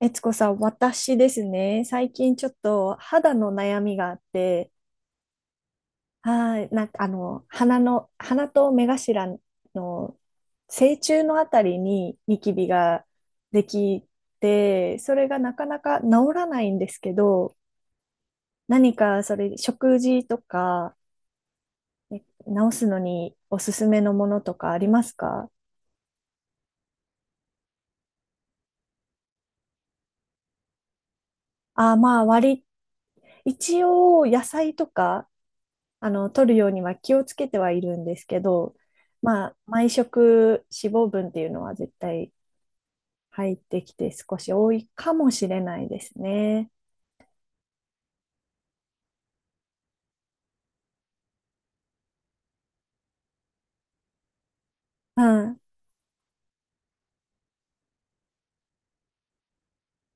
えつこさん、私ですね、最近ちょっと肌の悩みがあって、はい、なんか鼻と目頭の正中のあたりにニキビができて、それがなかなか治らないんですけど、何かそれ、食事とか、え治すのにおすすめのものとかありますか？あ、まあ、一応野菜とか取るようには気をつけてはいるんですけど、まあ、毎食脂肪分っていうのは絶対入ってきて少し多いかもしれないですね。はい。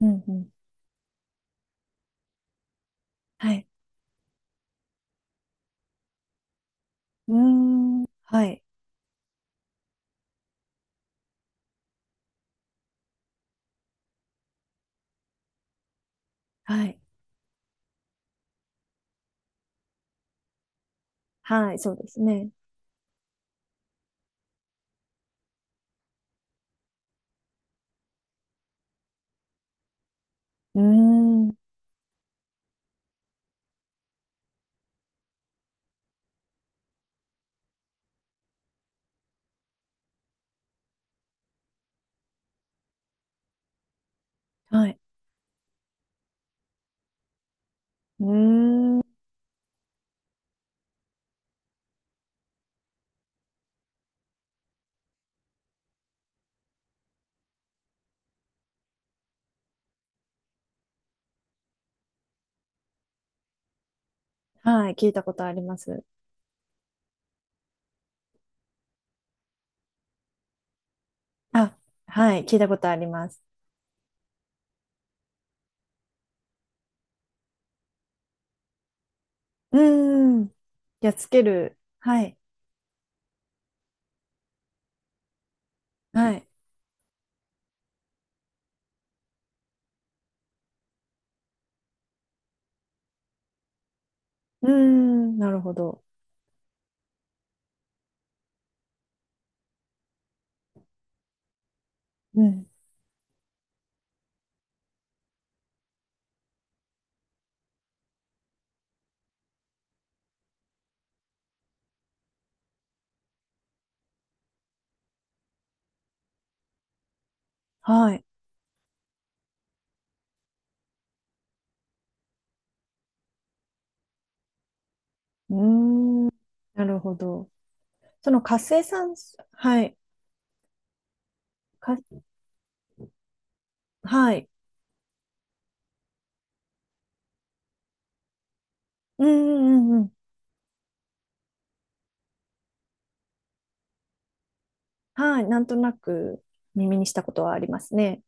うんうん。はい。うーん。はい。はい。はい。そうですね。うーん。はい。うーん。はい。聞いたことあります。あ、はい。聞いたことあります。うーん。やっつける。はい。はい。うーん。なるほど。うん。はい。うーん、なるほど。その活性酸素、はい、か、はい。うんうんうんうん。はい、なんとなく耳にしたことはありますね。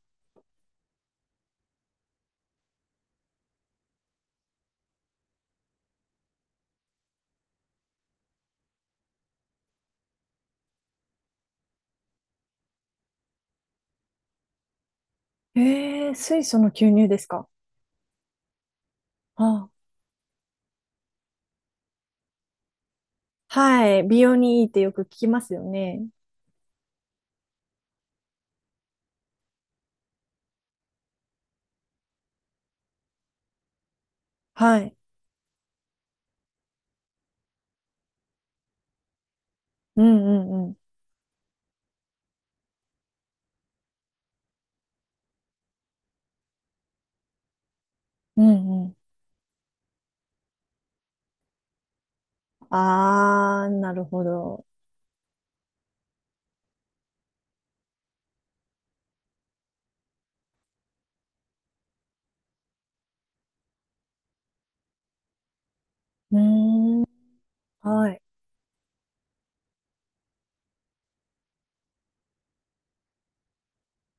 えー、水素の吸入ですか？あ、はい、美容にいいってよく聞きますよね。はい。うんうんうん。うんうん。あー、なるほど。うーん、は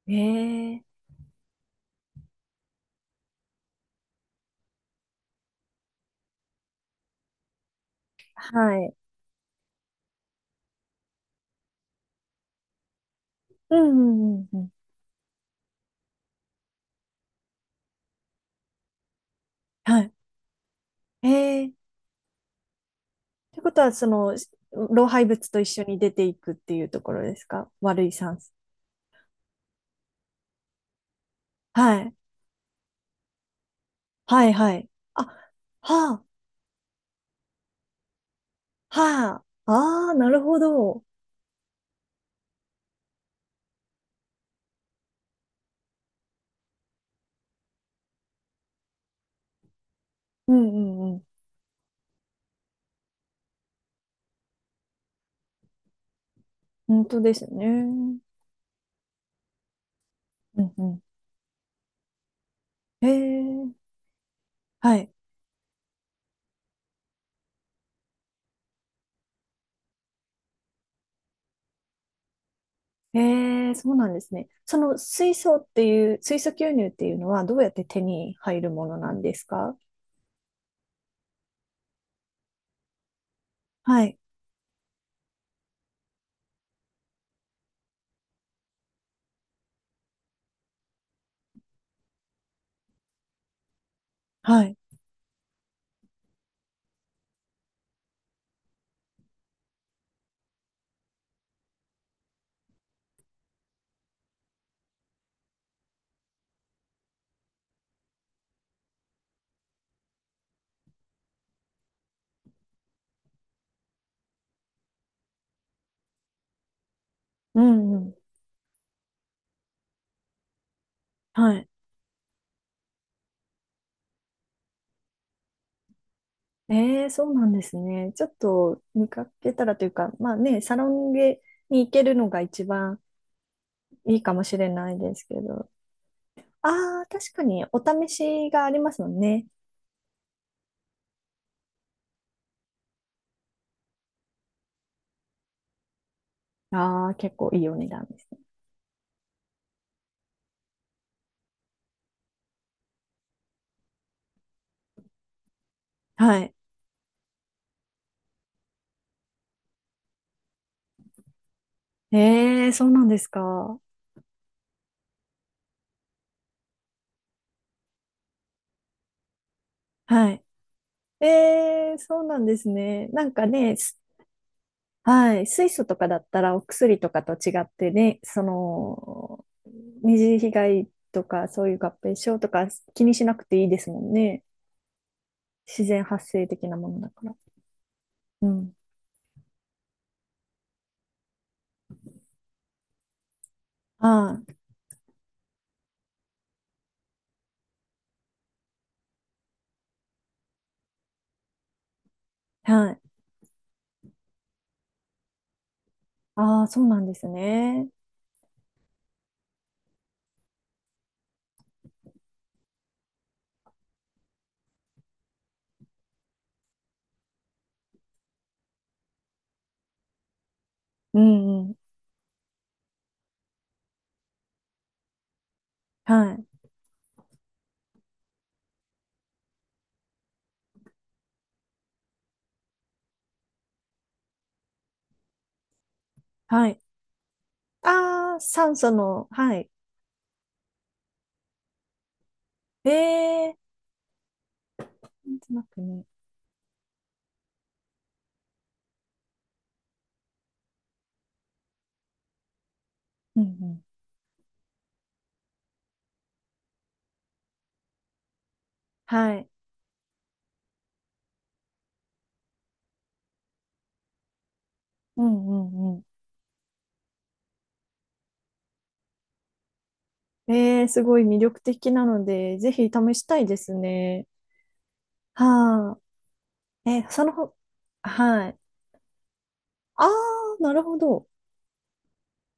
い。えー、はい。うんうんうんうん。はい。えーってことは、老廃物と一緒に出ていくっていうところですか？悪い酸素。はい。はい、はい。あ、はあ、はあ、ああ、なるほど。うんうんうん。本当ですね。うんうん。へえ、はい。へえ、そうなんですね。その水素っていう、水素吸入っていうのはどうやって手に入るものなんですか？はい。はい。うんうん。はい。ええ、そうなんですね。ちょっと見かけたらというか、まあね、サロンゲに行けるのが一番いいかもしれないですけど。ああ、確かにお試しがありますもんね。ああ、結構いいお値段ですね。はい。ええ、そうなんですか？はい。ええ、そうなんですね。なんかね、はい。水素とかだったらお薬とかと違ってね、二次被害とかそういう合併症とか気にしなくていいですもんね。自然発生的なものだから。うん。ああ、はい。ああ、そうなんですね。うんうん。はい。はい。ああ、酸素の、はい。ええーなんとなくね。うんうん。はい。うんうんうん。ええすごい魅力的なので、ぜひ試したいですね。はあ。え、そのほ、はい。ああ、なるほど。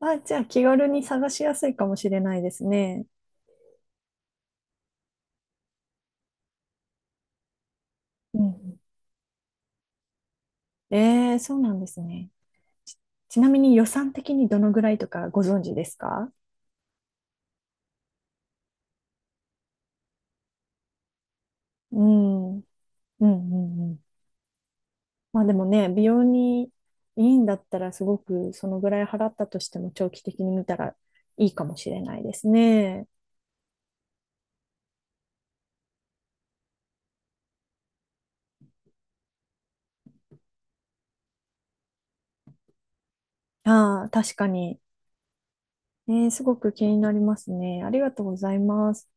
あ、じゃあ気軽に探しやすいかもしれないですね。うんうん。ええそうなんですね。ちちなみに予算的にどのぐらいとかご存知ですか？うん。うんうんうん。まあでもね、美容にいいんだったらすごくそのぐらい払ったとしても長期的に見たらいいかもしれないですね。ああ、確かに。すごく気になりますね。ありがとうございます。